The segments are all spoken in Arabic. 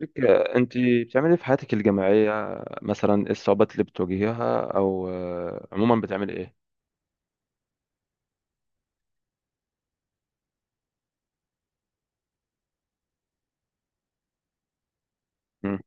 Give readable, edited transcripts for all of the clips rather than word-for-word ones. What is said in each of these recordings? لك انت بتعملي إيه في حياتك الجامعيه؟ مثلا ايه الصعوبات اللي بتواجهيها، او عموما بتعملي ايه؟ مم،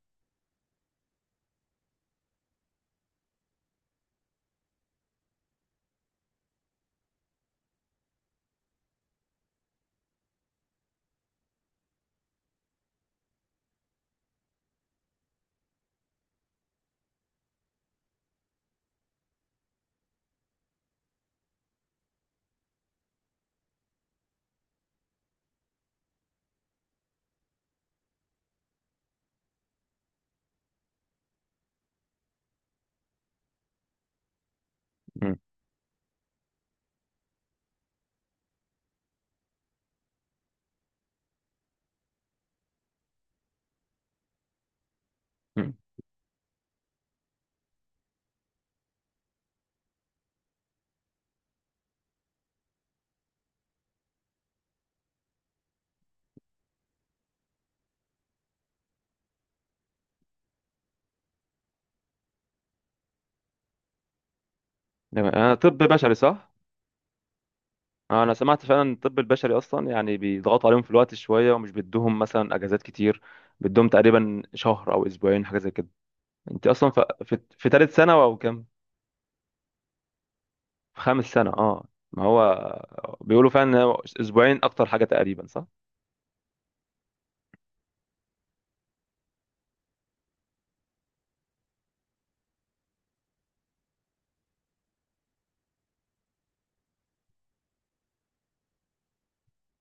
مم، مم. تمام. انا طب بشري صح؟ انا سمعت فعلا الطب البشري اصلا يعني بيضغطوا عليهم في الوقت شويه، ومش بيدوهم مثلا اجازات كتير. بيدوهم تقريبا شهر او اسبوعين، حاجه زي كده. انت اصلا في ثالث سنه او كام؟ في خامس سنه اه. ما هو بيقولوا فعلا إن هو اسبوعين اكتر حاجه تقريبا، صح؟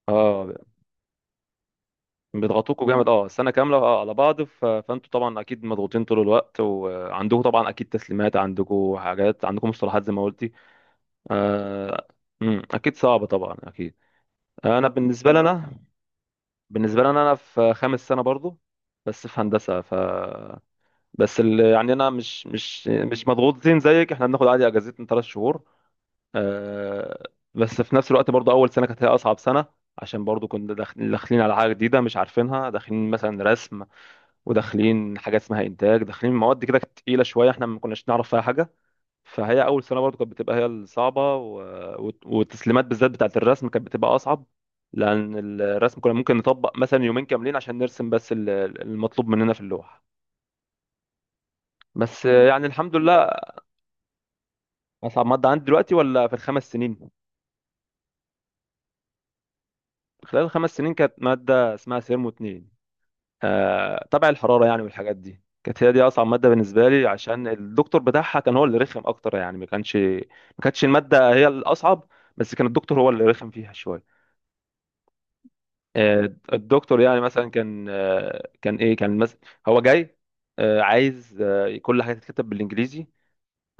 اه، بيضغطوكوا جامد، اه، السنه كامله اه على بعض فانتوا طبعا اكيد مضغوطين طول الوقت، وعندكم طبعا اكيد تسليمات، عندكم حاجات، عندكم مصطلحات زي ما قلتي. آه... مم، اكيد صعبه طبعا، اكيد. انا بالنسبه لي انا بالنسبه لي انا أنا في خامس سنه برضو، بس في هندسه. يعني انا مش مضغوطين زيك. احنا بناخد عادي اجازتنا ثلاث شهور. آه... بس في نفس الوقت برضو اول سنه كانت هي اصعب سنه، عشان برضو كنا داخلين على حاجه جديده مش عارفينها. داخلين مثلا رسم، وداخلين حاجات اسمها انتاج، داخلين مواد كده كانت تقيله شويه، احنا ما كناش نعرف فيها حاجه. فهي اول سنه برضو كانت بتبقى هي الصعبه. والتسليمات بالذات بتاعه الرسم كانت بتبقى اصعب، لان الرسم كنا ممكن نطبق مثلا يومين كاملين عشان نرسم بس المطلوب مننا في اللوحه. بس يعني الحمد لله. اصعب ماده عندي دلوقتي ولا في الخمس سنين؟ خلال الخمس سنين كانت ماده اسمها سيرمو اتنين، تبع الحراره يعني، والحاجات دي. كانت هي دي اصعب ماده بالنسبه لي، عشان الدكتور بتاعها كان هو اللي رخم اكتر. يعني ما كانتش الماده هي الاصعب، بس كان الدكتور هو اللي رخم فيها شويه. الدكتور يعني مثلا كان كان ايه، كان مثلا هو جاي عايز كل حاجه تتكتب بالانجليزي.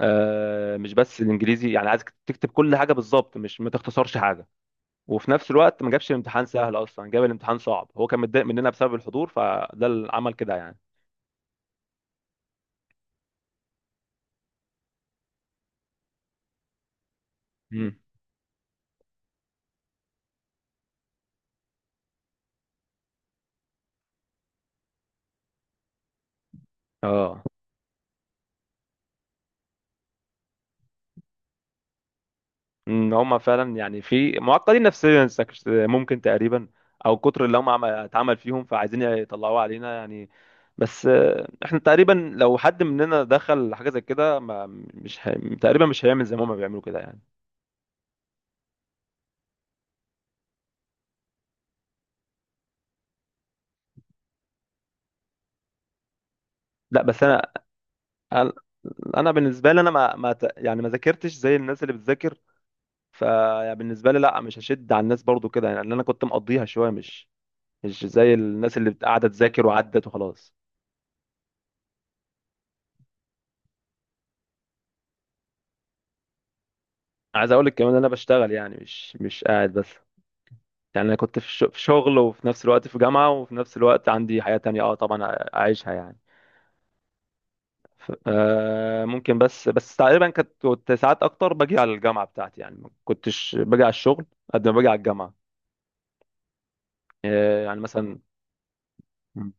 مش بس الانجليزي، يعني عايز تكتب كل حاجه بالظبط، مش ما تختصرش حاجه. وفي نفس الوقت ما جابش الامتحان سهل اصلا، جاب الامتحان صعب. هو كان متضايق مننا بسبب الحضور، فده اللي عمل كده يعني. مم. اه، ان هم فعلا يعني في معقدين نفسيا، ممكن تقريبا او كتر اللي هم اتعمل فيهم، فعايزين يطلعوه علينا يعني. بس احنا تقريبا لو حد مننا دخل حاجه زي كده ما مش هي... تقريبا مش هيعمل زي ما هم بيعملوا كده يعني. لا بس انا، انا أنا بالنسبه لي انا ما, ما ت- يعني ما ذاكرتش زي الناس اللي بتذاكر. فبالنسبه لي لا، مش هشد على الناس برضو كده يعني، لأن انا كنت مقضيها شويه، مش زي الناس اللي قاعده تذاكر. وعدت وخلاص. عايز اقول لك كمان إن انا بشتغل، يعني مش قاعد بس. يعني انا كنت في في شغل، وفي نفس الوقت في جامعة، وفي نفس الوقت عندي حياة تانية اه طبعا اعيشها يعني. آه، ممكن بس تقريبا كنت ساعات اكتر باجي على الجامعة بتاعتي، يعني ما كنتش باجي على الشغل قد ما باجي على الجامعة. آه يعني مثلا مم.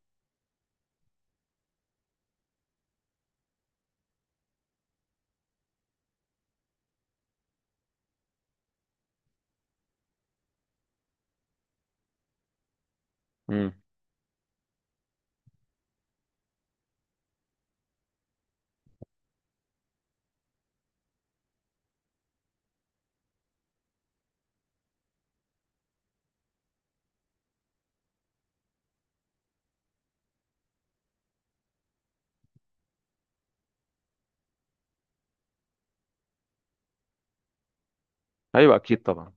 مم. ايوه اكيد طبعا.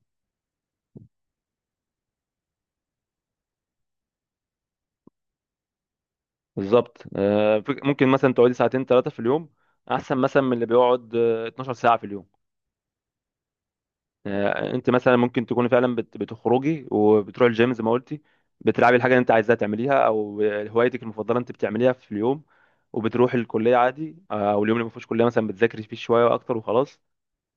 بالظبط. ممكن مثلا تقعدي ساعتين ثلاثة في اليوم، احسن مثلا من اللي بيقعد 12 ساعة في اليوم. انت مثلا ممكن تكوني فعلا بتخرجي وبتروحي الجيم زي ما قلتي، بتلعبي الحاجه اللي انت عايزاها تعمليها، او هوايتك المفضله انت بتعمليها في اليوم، وبتروحي الكليه عادي. او اليوم اللي ما فيهوش كليه مثلا بتذاكري فيه شويه اكتر وخلاص.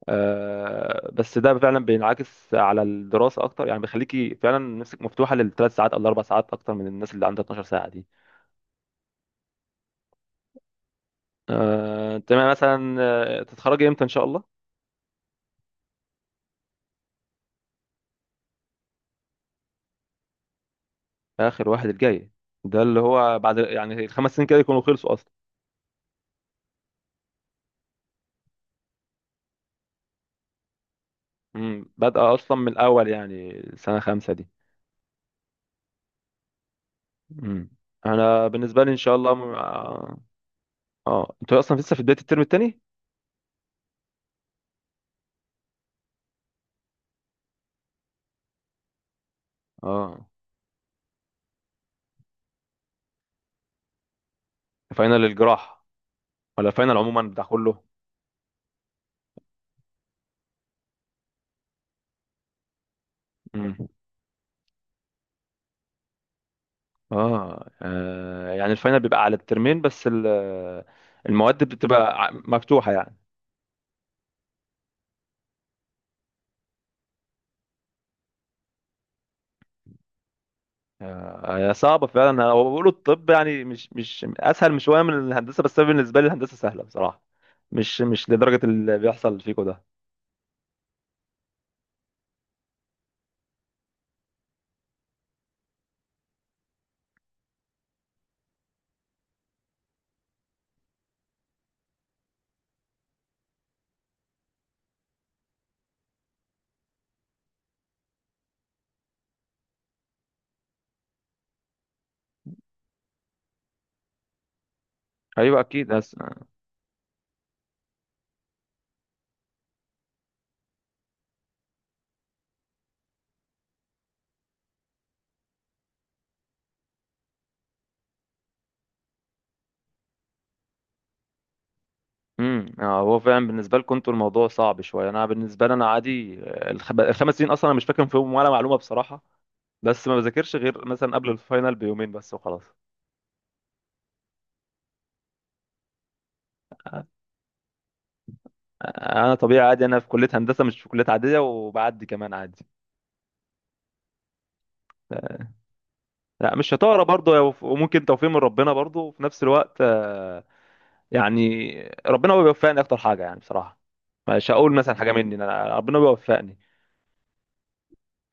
بس ده فعلا بينعكس على الدراسه اكتر، يعني بيخليكي فعلا نفسك مفتوحه للثلاث ساعات او الاربع ساعات اكتر من الناس اللي عندها 12 ساعه دي. تمام. مثلا تتخرجي امتى ان شاء الله؟ اخر واحد الجاي؟ ده اللي هو بعد يعني الخمس سنين كده يكونوا خلصوا. امم، بادئة أصلا من الأول يعني سنة خمسة دي؟ امم. أنا بالنسبة لي إن شاء الله م... آه آه. أنتوا أصلا لسه في بداية الترم التاني؟ آه. فاينل الجراح ولا فاينل عموما بتاع كله؟ امم. يعني الفاينل بيبقى على الترمين بس المواد بتبقى مفتوحة يعني. هي صعبة فعلا. هو بيقولوا الطب يعني مش مش أسهل مش شوية من الهندسة، بس أنا بالنسبة لي الهندسة سهلة بصراحة، مش لدرجة اللي بيحصل فيكم ده. أيوه أكيد. امم. هو فعلا بالنسبه لكم انتوا الموضوع صعب شويه، انا بالنسبه لي انا عادي. الخمس سنين اصلا انا مش فاكر فيهم ولا معلومه بصراحه، بس ما بذاكرش غير مثلا قبل الفاينل بيومين بس وخلاص. انا طبيعي عادي، انا في كليه هندسه مش في كليه عاديه، وبعدي كمان عادي. آه، لا مش شطاره برضه، وممكن توفيق من ربنا برضه، وفي نفس الوقت يعني ربنا هو بيوفقني اكتر حاجه يعني، بصراحه مش هقول مثلا حاجه مني، انا ربنا بيوفقني.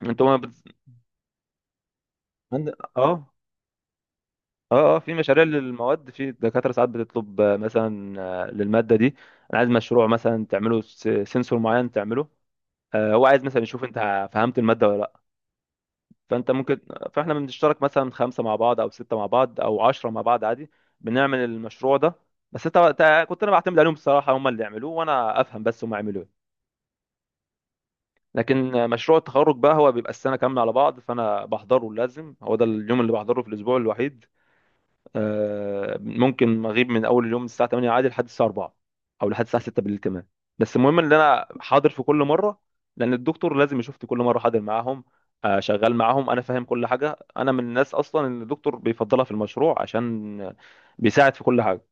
انتوا ما بت... عند... اه اه، اه في مشاريع للمواد. في دكاترة ساعات بتطلب، مثلا للمادة دي انا عايز مشروع، مثلا تعمله سنسور معين تعمله. هو عايز مثلا يشوف انت فهمت المادة ولا لا. فانت ممكن فاحنا بنشترك مثلا خمسة مع بعض او ستة مع بعض او عشرة مع بعض عادي، بنعمل المشروع ده. بس انت انت- كنت انا بعتمد عليهم الصراحة، هم اللي يعملوه وانا افهم، بس هم يعملوه إيه. لكن مشروع التخرج بقى هو بيبقى السنة كاملة على بعض، فانا بحضره لازم. هو ده اليوم اللي بحضره في الاسبوع الوحيد. ممكن اغيب من اول اليوم من الساعه 8 عادي لحد الساعه 4، او لحد الساعه 6 بالليل كمان، بس المهم ان انا حاضر في كل مره، لان الدكتور لازم يشوفني كل مره حاضر معاهم، شغال معاهم، انا فاهم كل حاجه. انا من الناس اصلا ان الدكتور بيفضلها في المشروع، عشان بيساعد في كل حاجه،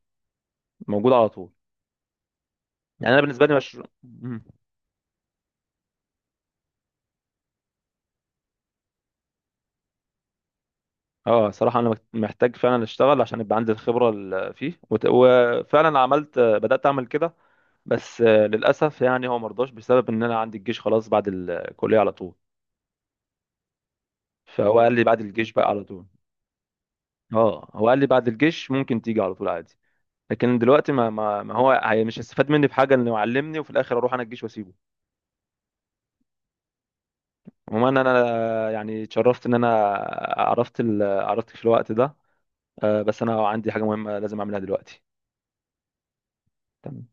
موجود على طول. يعني انا بالنسبه لي مشروع. مم. اه صراحه انا محتاج فعلا اشتغل عشان يبقى عندي الخبره اللي فيه، وفعلا عملت، بدات اعمل كده، بس للاسف يعني هو مرضاش بسبب ان انا عندي الجيش خلاص بعد الكليه على طول، فهو قال لي بعد الجيش بقى على طول. اه هو قال لي بعد الجيش ممكن تيجي على طول عادي، لكن دلوقتي ما هو هي مش هيستفاد مني بحاجه، انه يعلمني وفي الاخر اروح انا الجيش واسيبه. عموما انا يعني اتشرفت ان انا عرفتك في الوقت ده. بس انا عندي حاجه مهمه لازم اعملها دلوقتي. تمام.